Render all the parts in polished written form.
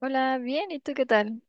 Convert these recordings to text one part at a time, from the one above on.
Hola, bien, ¿y tú qué tal?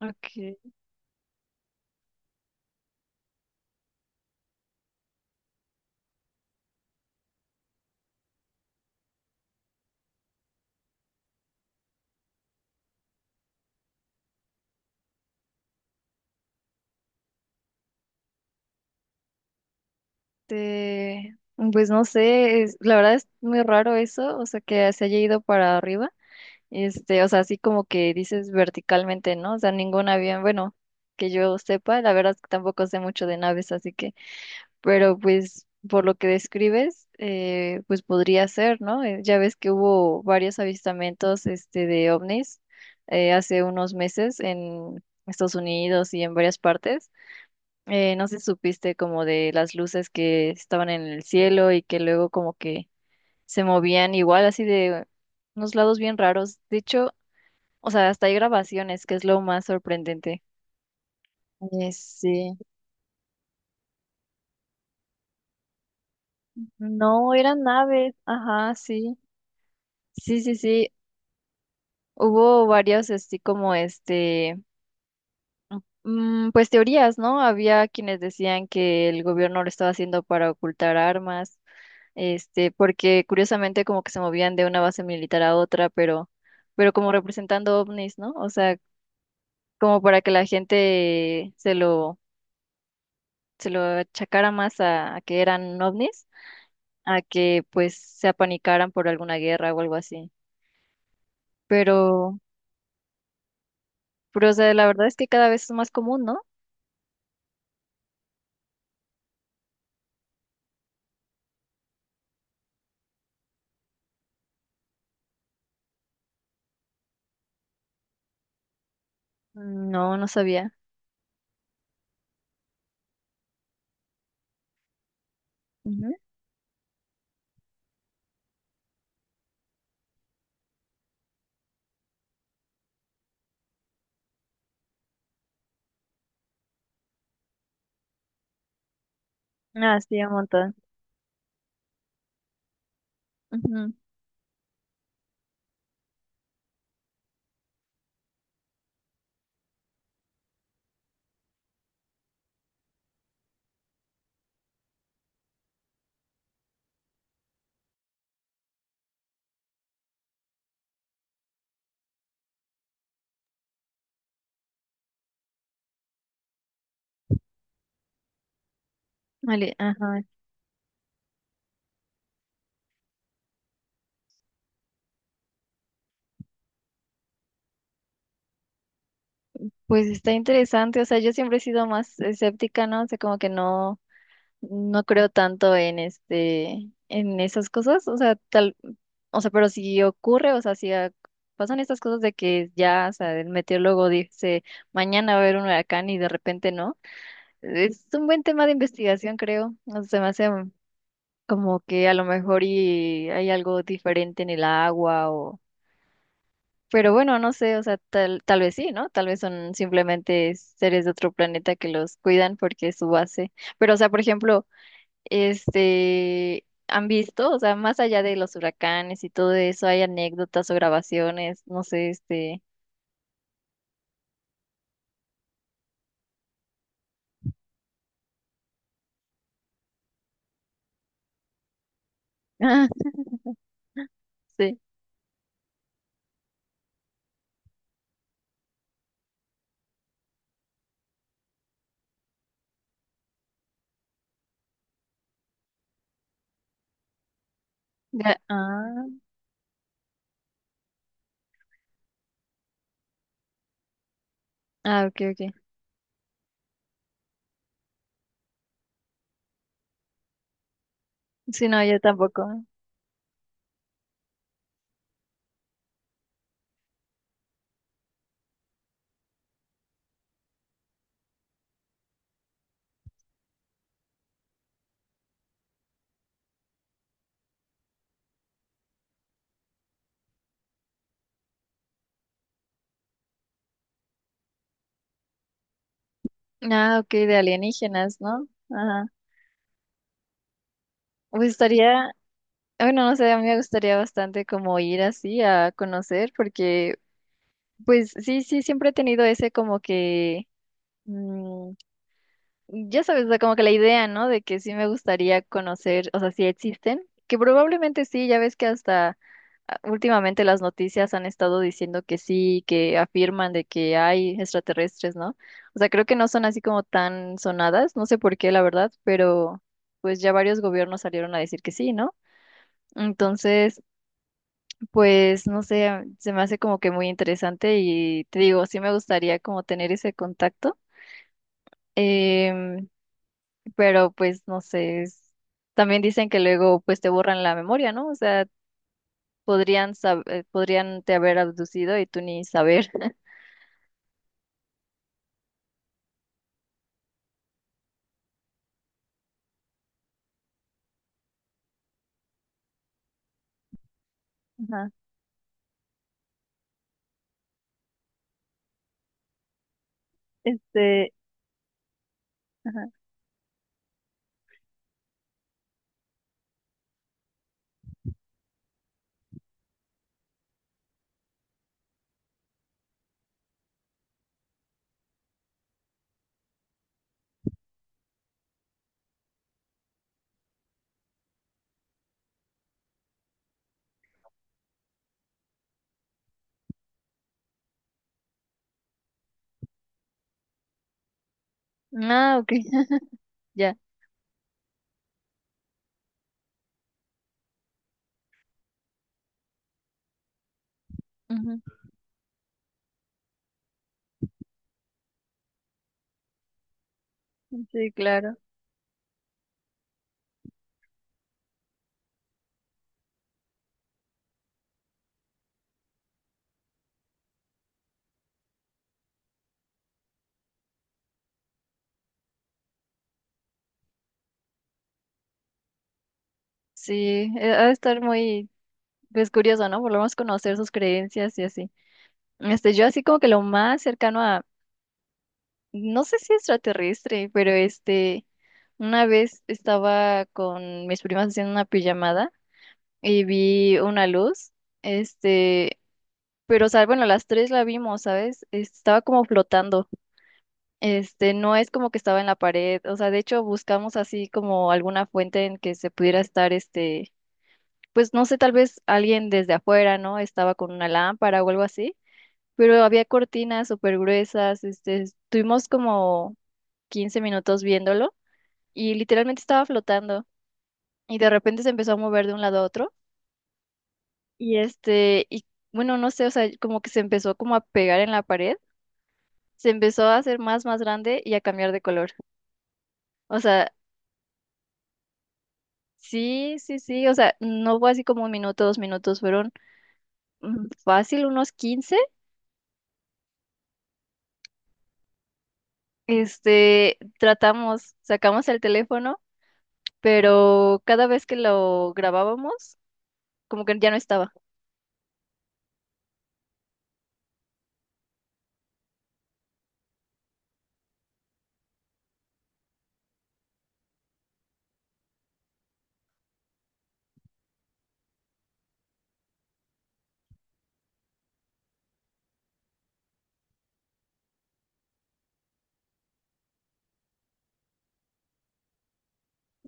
Ok, te- pues no sé, la verdad es muy raro eso, o sea, que se haya ido para arriba, o sea, así como que dices verticalmente, ¿no? O sea, ningún avión, bueno, que yo sepa, la verdad es que tampoco sé mucho de naves, así que, pero pues por lo que describes, pues podría ser, ¿no? Ya ves que hubo varios avistamientos, de ovnis hace unos meses en Estados Unidos y en varias partes. No sé si supiste como de las luces que estaban en el cielo y que luego como que se movían igual así de unos lados bien raros. De hecho, o sea, hasta hay grabaciones, que es lo más sorprendente. Sí. No, eran naves. Ajá, sí. Sí, sí, sí. Hubo varios así como pues teorías, ¿no? Había quienes decían que el gobierno lo estaba haciendo para ocultar armas. Porque curiosamente como que se movían de una base militar a otra, pero como representando ovnis, ¿no? O sea, como para que la gente se lo achacara más a que eran ovnis, a que pues se apanicaran por alguna guerra o algo así. Pero, pero, o sea, la verdad es que cada vez es más común, ¿no? No, no sabía. Ujú. Ah, sí, un montón. Ujú. Vale, ajá. Pues está interesante, o sea, yo siempre he sido más escéptica, ¿no? O sea, como que no, no creo tanto en en esas cosas, o sea, o sea, pero si ocurre, o sea, si a- pasan estas cosas de que ya, o sea, el meteorólogo dice mañana va a haber un huracán y de repente no, es un buen tema de investigación, creo, o sea, se me hace como que a lo mejor y hay algo diferente en el agua o, pero bueno, no sé, o sea, tal vez sí, ¿no? Tal vez son simplemente seres de otro planeta que los cuidan porque es su base, pero o sea, por ejemplo han visto, o sea, más allá de los huracanes y todo eso, hay anécdotas o grabaciones, no sé, Ah, sí. Ya. Ah, ah, ok, ok. Sí. No, yo tampoco. Ah, ok, de alienígenas, ¿no? Ajá, pues estaría, bueno, no sé, a mí me gustaría bastante como ir así a conocer, porque, pues, sí, sí, siempre he tenido ese como que... mm, Ya sabes, o sea, como que la idea, ¿no? De que sí me gustaría conocer, o sea, si existen, que probablemente sí, ya ves que hasta ah, últimamente las noticias han estado diciendo que sí, que afirman de que hay extraterrestres, ¿no? O sea, creo que no son así como tan sonadas, no sé por qué, la verdad, pero pues ya varios gobiernos salieron a decir que sí, ¿no? Entonces, pues no sé, se me hace como que muy interesante y te digo, sí me gustaría como tener ese contacto. em, pero pues no sé, también dicen que luego pues te borran la memoria, ¿no? O sea, podrían te haber abducido y tú ni saber. Ajá. Este, ajá. Ah, ok, ya. Ujú. Sí, claro. Sí, ha de estar muy pues curioso, ¿no? Por lo menos conocer sus creencias y así. Yo así como que lo más cercano a no sé si extraterrestre, pero una vez estaba con mis primas haciendo una pijamada y vi una luz, este, pero, o sea, bueno, las tres la vimos, ¿sabes? Estaba como flotando, no es como que estaba en la pared, o sea, de hecho buscamos así como alguna fuente en que se pudiera estar, pues no sé, tal vez alguien desde afuera, ¿no? Estaba con una lámpara o algo así, pero había cortinas súper gruesas, estuvimos como 15 minutos viéndolo y literalmente estaba flotando y de repente se empezó a mover de un lado a otro. Y bueno, no sé, o sea, como que se empezó como a pegar en la pared, se empezó a hacer más, más grande y a cambiar de color. O sea, sí, sí, sí, o sea, no fue así como 1 minuto, 2 minutos, fueron fácil unos 15. Tratamos, sacamos el teléfono, pero cada vez que lo grabábamos, como que ya no estaba.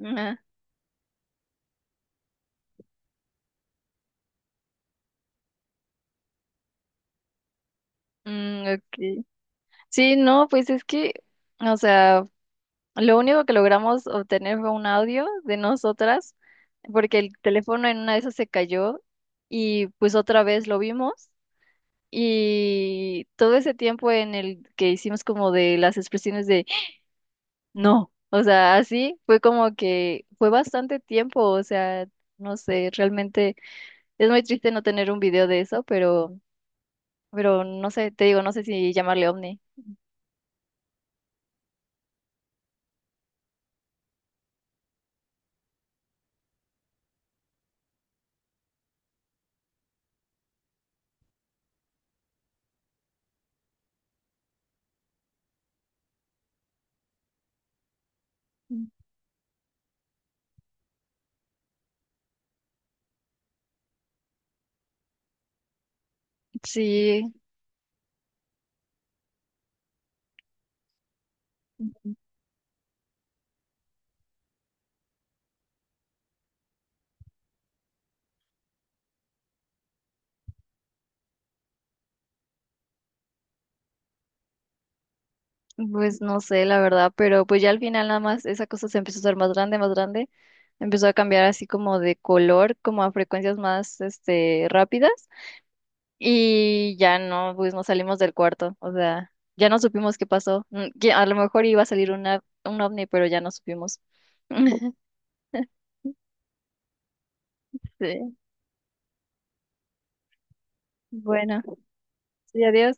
Ajá. Mm, ok. Sí, no, pues es que, o sea. Lo único que logramos obtener fue un audio de nosotras, porque el teléfono en una de esas se cayó y pues otra vez lo vimos. Y todo ese tiempo en el que hicimos como de las expresiones de no, o sea, así fue como que fue bastante tiempo, o sea, no sé, realmente es muy triste no tener un video de eso, pero, no sé, te digo, no sé si llamarle ovni. Sí. Pues no sé, la verdad, pero pues ya al final nada más esa cosa se empezó a hacer más grande, empezó a cambiar así como de color, como a frecuencias más, rápidas y ya no, pues nos salimos del cuarto, o sea, ya no supimos qué pasó, que a lo mejor iba a salir un ovni, pero ya no supimos. Sí, bueno, sí, adiós.